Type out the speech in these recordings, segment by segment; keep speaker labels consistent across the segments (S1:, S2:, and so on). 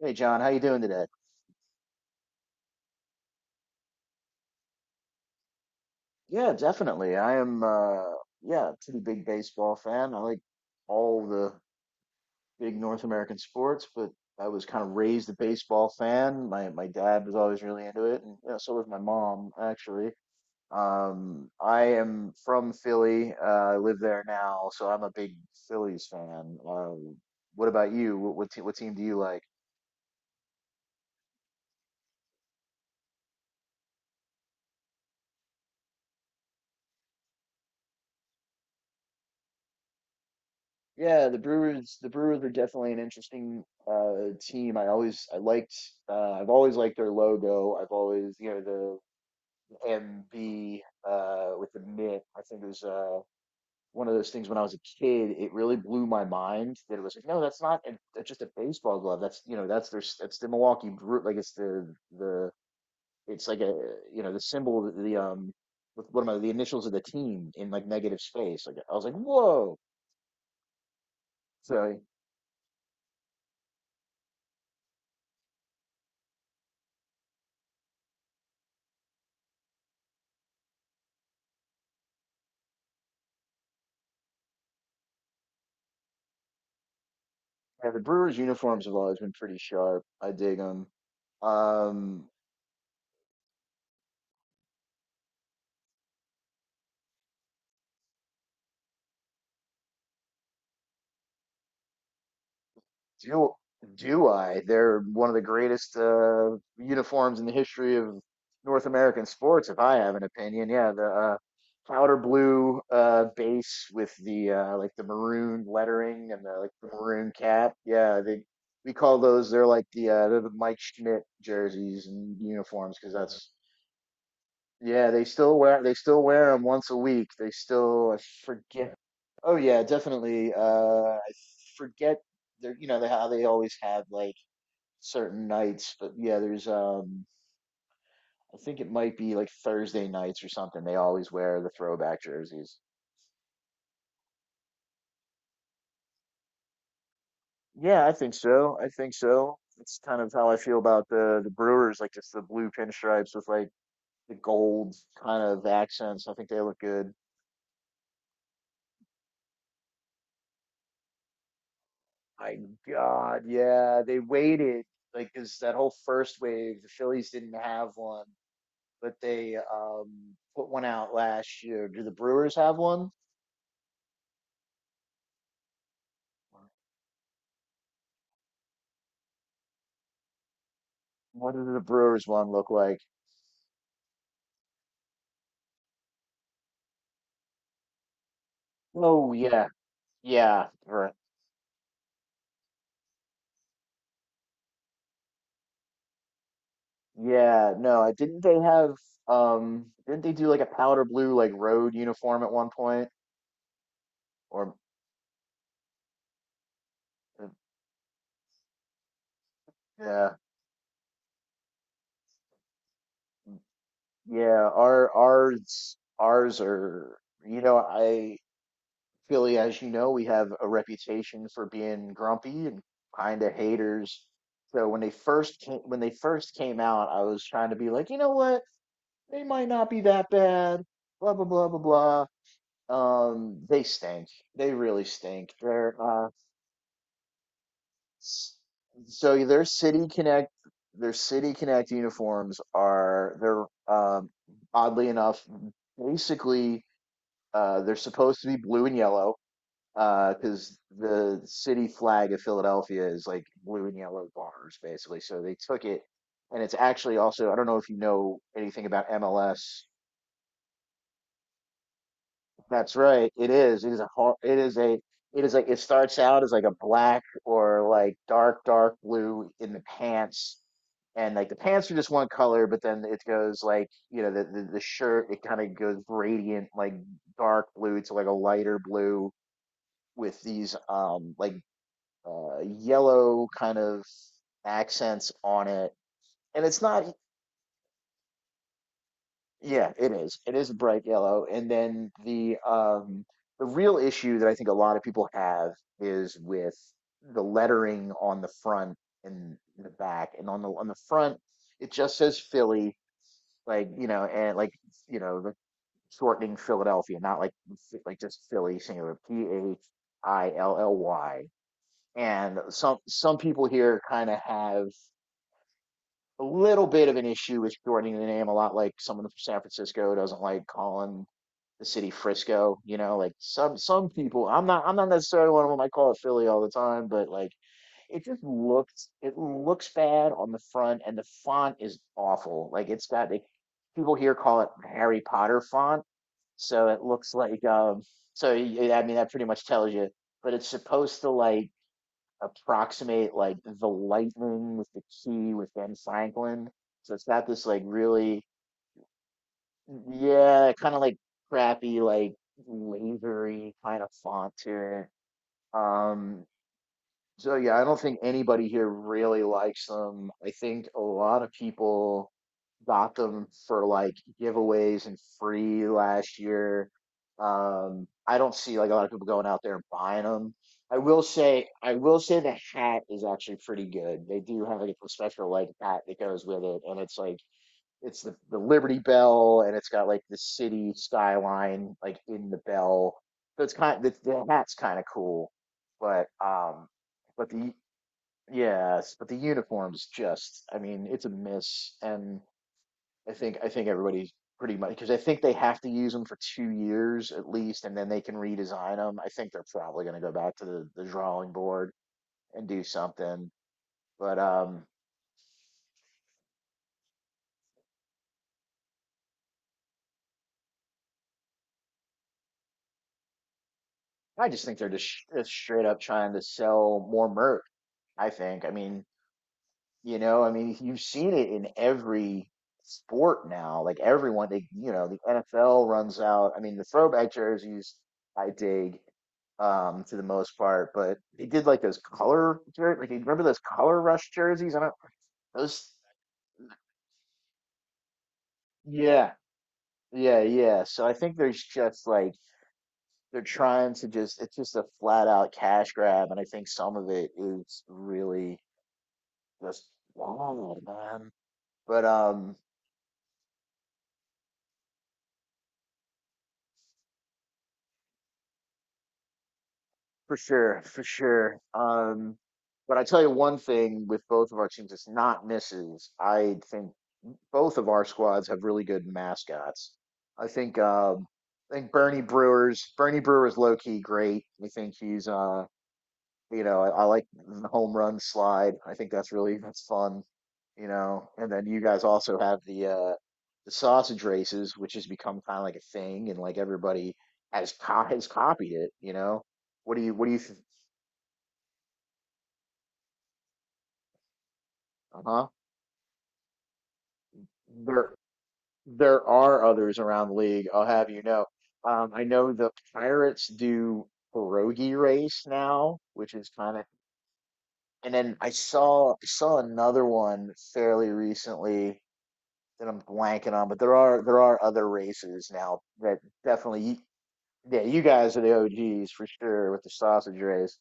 S1: Hey John, how you doing today? Yeah, definitely. I am yeah, pretty big baseball fan. I like all the big North American sports, but I was kind of raised a baseball fan. My dad was always really into it, and you know, so was my mom actually. I am from Philly. I live there now, so I'm a big Phillies fan. What about you? What team do you like? Yeah, the Brewers are definitely an interesting team. I liked I've always liked their logo. I've always, you know, the MB with the mitt. I think it was one of those things when I was a kid, it really blew my mind that it was like, no, that's not a, that's just a baseball glove. That's, you know, that's the Milwaukee Brew, like it's the it's like a, you know, the symbol of the the initials of the team in like negative space. Like I was like, "Whoa." So yeah, the Brewers uniforms have always been pretty sharp. I dig them. Um, do do I? They're one of the greatest uniforms in the history of North American sports, if I have an opinion. Yeah, the uh, powder blue base with the like the maroon lettering and the maroon cap. Yeah, they we call those. They're like the they're the Mike Schmidt jerseys and uniforms because yeah, that's yeah, they still wear, they still wear them once a week. They still, I forget. Oh yeah, definitely. I forget they're, you know, they, how they always have like certain nights, but yeah, there's I think it might be like Thursday nights or something. They always wear the throwback jerseys. Yeah, I think so. I think so. It's kind of how I feel about the Brewers, like just the blue pinstripes with like the gold kind of accents. I think they look good. My God, yeah, they waited like because that whole first wave, the Phillies didn't have one, but they put one out last year. Do the Brewers have one? What does the Brewers one look like? Oh yeah, yeah, right. Yeah, no, I didn't they have didn't they do like a powder blue like road uniform at one point? Or uh, yeah, yeah, ours are, you know, I, Philly, as you know, we have a reputation for being grumpy and kind of haters. So when they first came, when they first came out, I was trying to be like, you know what? They might not be that bad. Blah blah blah blah blah. They stink. They really stink. They're s- so their City Connect uniforms are they're oddly enough basically they're supposed to be blue and yellow because the city flag of Philadelphia is like blue and yellow bars, basically. So they took it, and it's actually also, I don't know if you know anything about MLS. That's right, it is. It is a, it is like it starts out as like a black or like dark dark blue in the pants. And like the pants are just one color, but then it goes like, you know, the shirt, it kind of goes gradient like dark blue to like a lighter blue with these like yellow kind of accents on it, and it's not. Yeah, it is. It is bright yellow, and then the real issue that I think a lot of people have is with the lettering on the front and the back, and on the front it just says Philly, like, you know, and like, you know, the shortening Philadelphia, not like like just Philly singular, Philly. And some people here kind of have a little bit of an issue with shortening the name, a lot like someone from San Francisco doesn't like calling the city Frisco, you know, like some people, I'm not, I'm not necessarily one of them, I call it Philly all the time, but like it just looks, it looks bad on the front and the font is awful. Like it's got like, people here call it Harry Potter font. So it looks like I mean that pretty much tells you, but it's supposed to like approximate like the lightning with the key with Ben Franklin. So it's not this like really, yeah, kind of like crappy, like lasery kind of font to it. So yeah, I don't think anybody here really likes them. I think a lot of people got them for like giveaways and free last year. I don't see like a lot of people going out there and buying them. I will say the hat is actually pretty good. They do have like a special like hat that goes with it, and it's like it's the Liberty Bell, and it's got like the city skyline like in the bell. So it's kind of, the hat's kind of cool, but um, but the yes, but the uniform's just, I mean it's a miss, and I think everybody's pretty much, because I think they have to use them for 2 years at least, and then they can redesign them. I think they're probably going to go back to the drawing board and do something, but. I just think they're just, just straight up trying to sell more merch, I think. I mean, you know, I mean, you've seen it in every sport now. Like everyone, they, you know, the NFL runs out. I mean, the throwback jerseys, I dig to the most part, but they did like those like, you remember those color rush jerseys? I don't, those, yeah, yeah, yeah. So I think there's just like, they're trying to just, it's just a flat out cash grab. And I think some of it is really just wild, man. But, for sure, for sure. But I tell you one thing, with both of our teams, it's not misses. I think both of our squads have really good mascots. I think um, I think Bernie Brewer's low key great. I think he's you know, I like the home run slide. I think that's really, that's fun. You know, and then you guys also have the sausage races, which has become kind of like a thing, and like everybody has copied it. You know, what do you th-, uh-huh. There there are others around the league, I'll have you know. I know the Pirates do pierogi race now, which is kind of, and then I saw another one fairly recently that I'm blanking on, but there are other races now that definitely, you, yeah, you guys are the OGs for sure with the sausage race.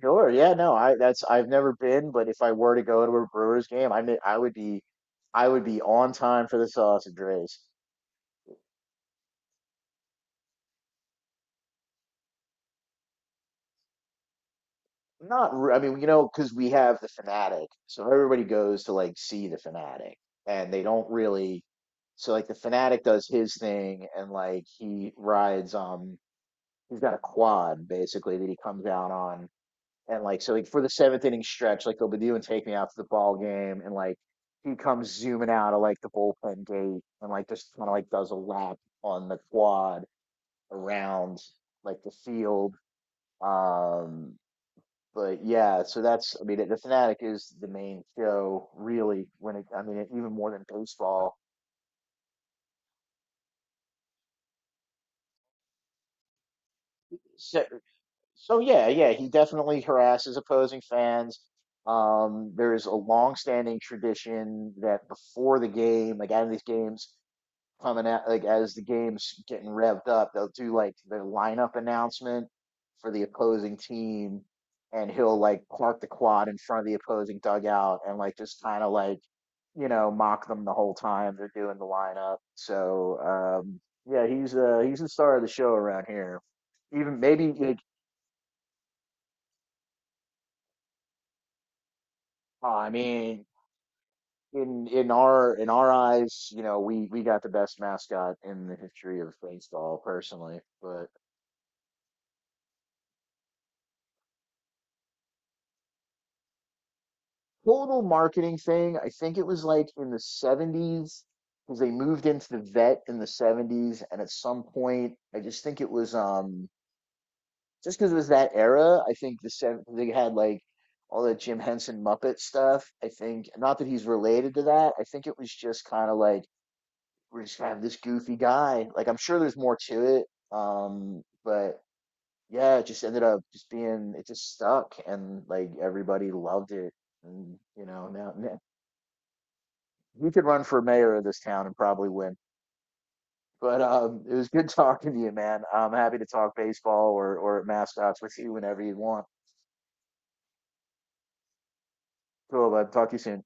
S1: Sure, yeah, no, I, that's, I've never been, but if I were to go to a Brewers game, I would be, I would be on time for the sausage race. Not, re- I mean, you know, because we have the Fanatic, so everybody goes to like see the Fanatic, and they don't really. So like the Fanatic does his thing, and like he rides, he's got a quad basically that he comes out on, and like so like for the seventh inning stretch, like they'll be doing take me out to the ball game, and like he comes zooming out of like the bullpen gate, and like just kind of like does a lap on the quad around like the field. Um, but yeah, so that's, I mean the Fanatic is the main show really when it, I mean it, even more than baseball. So, so yeah, yeah, he definitely harasses opposing fans. There is a long-standing tradition that before the game, like out of these games, coming out like as the game's getting revved up, they'll do like the lineup announcement for the opposing team, and he'll like park the quad in front of the opposing dugout and like just kind of like, you know, mock them the whole time they're doing the lineup. So um, yeah, he's the star of the show around here. Even maybe like, oh, I mean, in our eyes, you know, we got the best mascot in the history of baseball personally, but total marketing thing. I think it was like in the '70s because they moved into the vet in the '70s. And at some point, I just think it was just because it was that era. I think the seven they had like all that Jim Henson Muppet stuff. I think not that he's related to that. I think it was just kind of like we're just gonna have this goofy guy. Like I'm sure there's more to it. But yeah, it just ended up just being, it just stuck and like everybody loved it. And you know, now you could run for mayor of this town and probably win. But it was good talking to you, man. I'm happy to talk baseball or mascots with you whenever you want. Cool, bud. Talk to you soon.